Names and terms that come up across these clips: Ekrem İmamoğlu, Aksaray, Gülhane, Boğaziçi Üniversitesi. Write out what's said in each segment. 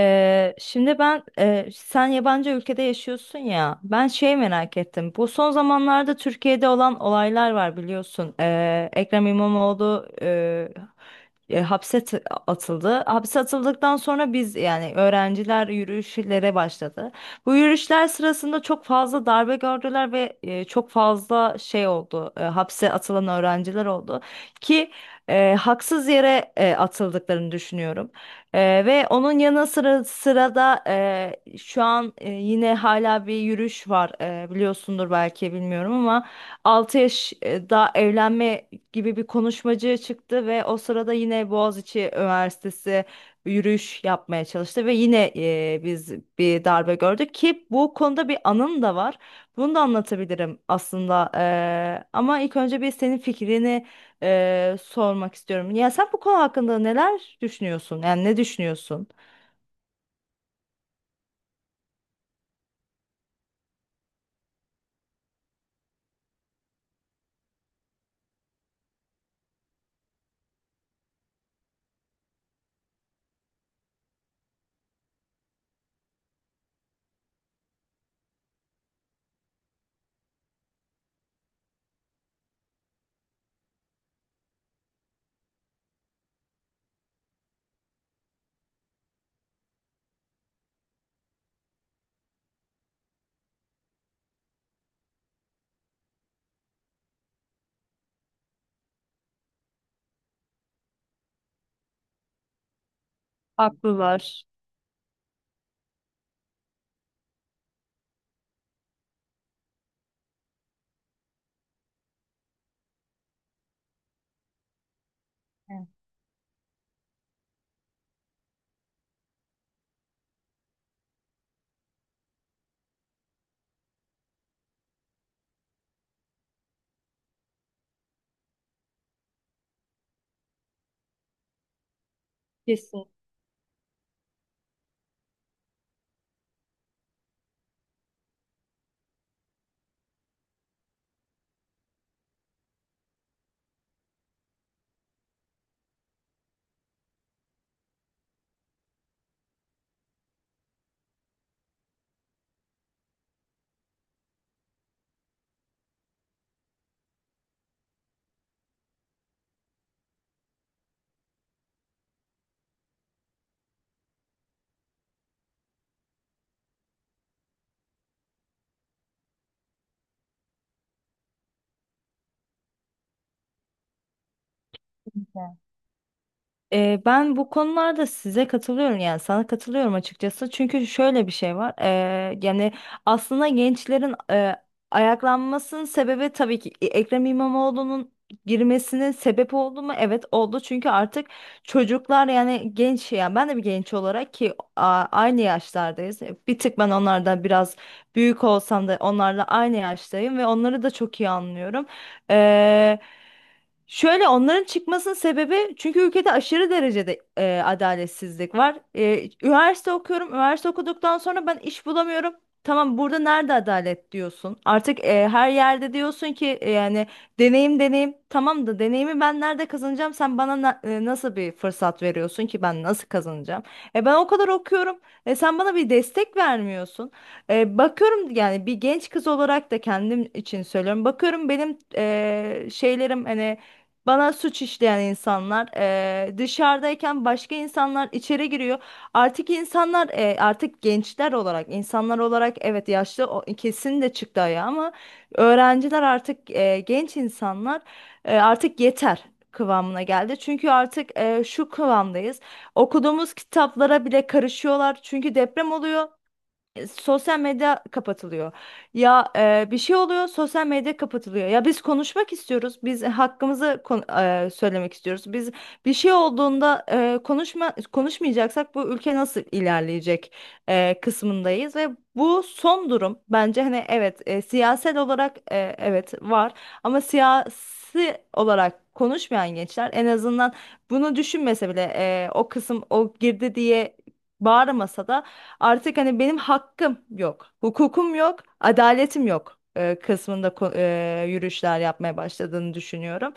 Şimdi ben sen yabancı ülkede yaşıyorsun ya, ben şey merak ettim, bu son zamanlarda Türkiye'de olan olaylar var biliyorsun. Ekrem İmamoğlu hapse atıldı. Hapse atıldıktan sonra biz yani öğrenciler yürüyüşlere başladı. Bu yürüyüşler sırasında çok fazla darbe gördüler ve çok fazla şey oldu, hapse atılan öğrenciler oldu ki haksız yere atıldıklarını düşünüyorum. Ve onun yanı sıra sırada şu an yine hala bir yürüyüş var. Biliyorsundur belki, bilmiyorum ama 6 yaş daha evlenme gibi bir konuşmacı çıktı ve o sırada yine Boğaziçi Üniversitesi yürüyüş yapmaya çalıştı ve yine biz bir darbe gördük ki bu konuda bir anım da var. Bunu da anlatabilirim aslında. Ama ilk önce bir senin fikrini sormak istiyorum. Ya sen bu konu hakkında neler düşünüyorsun? Yani ne düşünüyorsun? Haklılar. Evet. Kesin. Ben bu konularda size katılıyorum, yani sana katılıyorum açıkçası, çünkü şöyle bir şey var. Yani aslında gençlerin ayaklanmasının sebebi tabii ki Ekrem İmamoğlu'nun girmesinin sebep oldu mu? Evet oldu. Çünkü artık çocuklar yani genç, yani ben de bir genç olarak ki aynı yaşlardayız. Bir tık ben onlardan biraz büyük olsam da onlarla aynı yaştayım ve onları da çok iyi anlıyorum. Ee, Şöyle, onların çıkmasının sebebi, çünkü ülkede aşırı derecede adaletsizlik var. Üniversite okuyorum. Üniversite okuduktan sonra ben iş bulamıyorum. Tamam, burada nerede adalet diyorsun? Artık her yerde diyorsun ki yani deneyim deneyim. Tamam da deneyimi ben nerede kazanacağım? Sen bana nasıl bir fırsat veriyorsun ki ben nasıl kazanacağım? Ben o kadar okuyorum. Sen bana bir destek vermiyorsun. Bakıyorum, yani bir genç kız olarak da kendim için söylüyorum. Bakıyorum benim şeylerim hani, bana suç işleyen insanlar dışarıdayken başka insanlar içeri giriyor. Artık insanlar artık gençler olarak, insanlar olarak, evet yaşlı kesin de çıktı ayağa ama öğrenciler artık genç insanlar artık yeter kıvamına geldi. Çünkü artık şu kıvamdayız. Okuduğumuz kitaplara bile karışıyorlar. Çünkü deprem oluyor, sosyal medya kapatılıyor. Ya bir şey oluyor, sosyal medya kapatılıyor. Ya biz konuşmak istiyoruz, biz hakkımızı söylemek istiyoruz. Biz bir şey olduğunda konuşma konuşmayacaksak bu ülke nasıl ilerleyecek kısmındayız ve bu son durum bence hani evet siyasel olarak, evet var, ama siyasi olarak konuşmayan gençler en azından bunu düşünmese bile o kısım o girdi diye bağırmasa da artık hani benim hakkım yok, hukukum yok, adaletim yok kısmında yürüyüşler yapmaya başladığını düşünüyorum.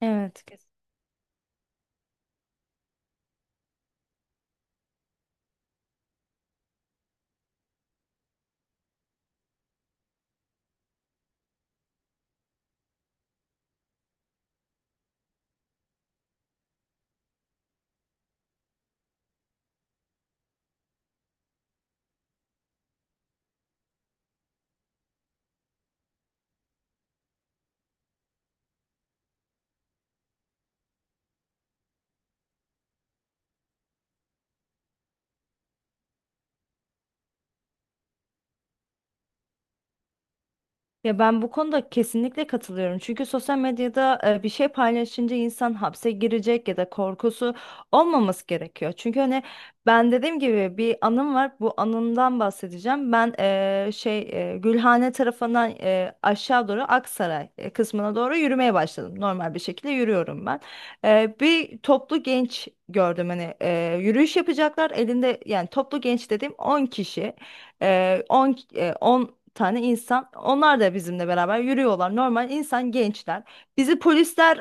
Evet. Ya ben bu konuda kesinlikle katılıyorum. Çünkü sosyal medyada bir şey paylaşınca insan hapse girecek ya da korkusu olmaması gerekiyor. Çünkü hani ben dediğim gibi bir anım var. Bu anımdan bahsedeceğim. Ben şey, Gülhane tarafından aşağı doğru Aksaray kısmına doğru yürümeye başladım. Normal bir şekilde yürüyorum ben. Bir toplu genç gördüm, hani yürüyüş yapacaklar. Elinde yani toplu genç dediğim on kişi. 10 10 tane insan, onlar da bizimle beraber yürüyorlar. Normal insan gençler. Bizi polisler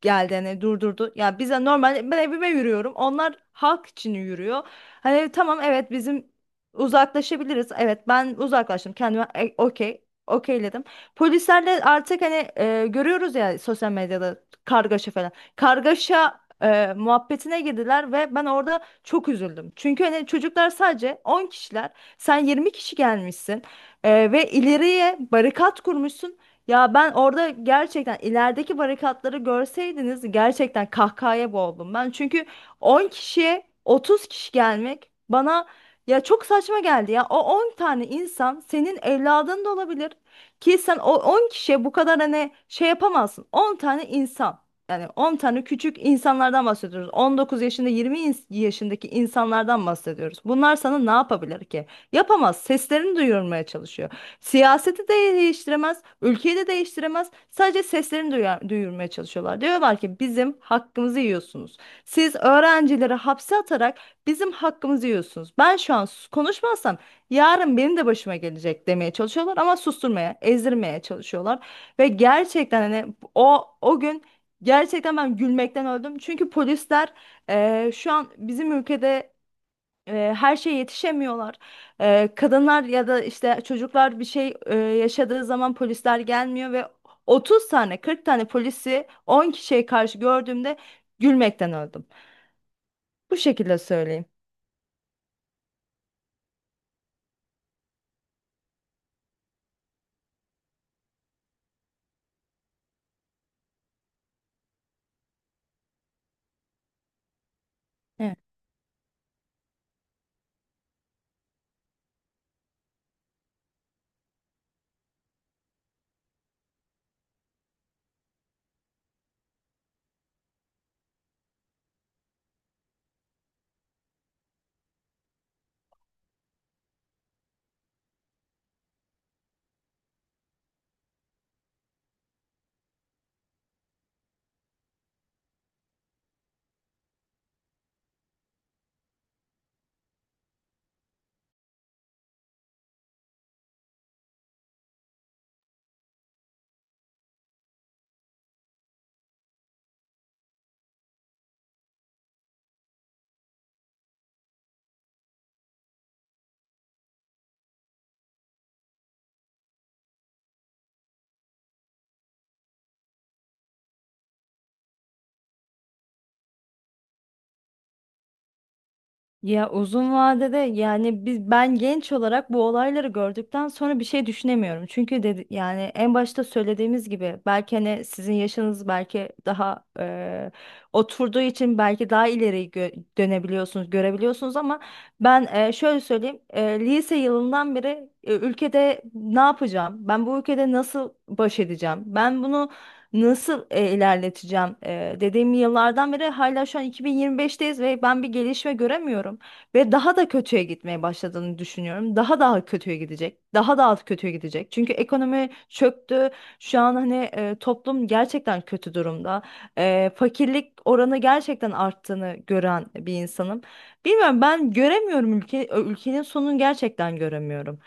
geldi hani durdurdu. Ya bize normal, ben evime yürüyorum. Onlar halk için yürüyor. Hani tamam, evet bizim uzaklaşabiliriz. Evet, ben uzaklaştım, kendime okey okeyledim. Polislerle artık hani görüyoruz ya sosyal medyada kargaşa falan. Kargaşa muhabbetine girdiler ve ben orada çok üzüldüm. Çünkü hani çocuklar sadece 10 kişiler. Sen 20 kişi gelmişsin ve ileriye barikat kurmuşsun. Ya ben orada gerçekten, ilerideki barikatları görseydiniz, gerçekten kahkahaya boğuldum ben. Çünkü 10 kişiye 30 kişi gelmek bana ya çok saçma geldi ya. O 10 tane insan senin evladın da olabilir ki sen o 10 kişiye bu kadar hani şey yapamazsın. 10 tane insan. Yani 10 tane küçük insanlardan bahsediyoruz. 19 yaşında, yaşındaki insanlardan bahsediyoruz. Bunlar sana ne yapabilir ki? Yapamaz. Seslerini duyurmaya çalışıyor. Siyaseti de değiştiremez, ülkeyi de değiştiremez. Sadece seslerini duyar, duyurmaya çalışıyorlar. Diyorlar ki bizim hakkımızı yiyorsunuz. Siz öğrencileri hapse atarak bizim hakkımızı yiyorsunuz. Ben şu an konuşmazsam yarın benim de başıma gelecek demeye çalışıyorlar, ama susturmaya, ezdirmeye çalışıyorlar. Ve gerçekten hani o gün gerçekten ben gülmekten öldüm. Çünkü polisler şu an bizim ülkede her şeye yetişemiyorlar. Kadınlar ya da işte çocuklar bir şey yaşadığı zaman polisler gelmiyor ve 30 tane 40 tane polisi 10 kişiye karşı gördüğümde gülmekten öldüm. Bu şekilde söyleyeyim. Ya uzun vadede yani biz, ben genç olarak bu olayları gördükten sonra bir şey düşünemiyorum. Çünkü dedi, yani en başta söylediğimiz gibi belki hani sizin yaşınız belki daha oturduğu için belki daha ileri dönebiliyorsunuz, görebiliyorsunuz, ama ben şöyle söyleyeyim, lise yılından beri ülkede ne yapacağım? Ben bu ülkede nasıl baş edeceğim? Ben bunu nasıl ilerleteceğim? Dediğim yıllardan beri hala şu an 2025'teyiz ve ben bir gelişme göremiyorum. Ve daha da kötüye gitmeye başladığını düşünüyorum. Daha daha kötüye gidecek. Daha daha kötüye gidecek. Çünkü ekonomi çöktü. Şu an hani toplum gerçekten kötü durumda. Fakirlik oranı gerçekten arttığını gören bir insanım. Bilmiyorum, ben göremiyorum, ülke ülkenin sonunu gerçekten göremiyorum.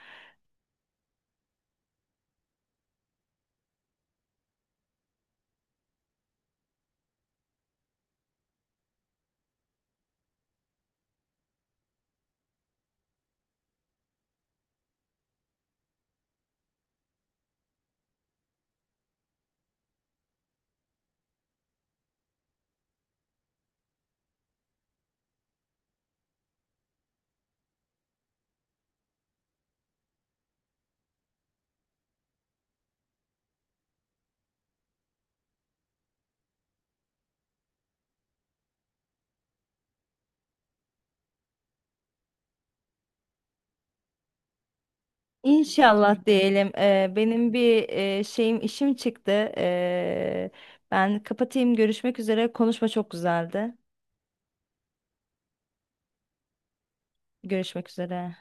İnşallah diyelim. Benim bir şeyim işim çıktı. Ee, Ben kapatayım. Görüşmek üzere. Konuşma çok güzeldi. Görüşmek üzere.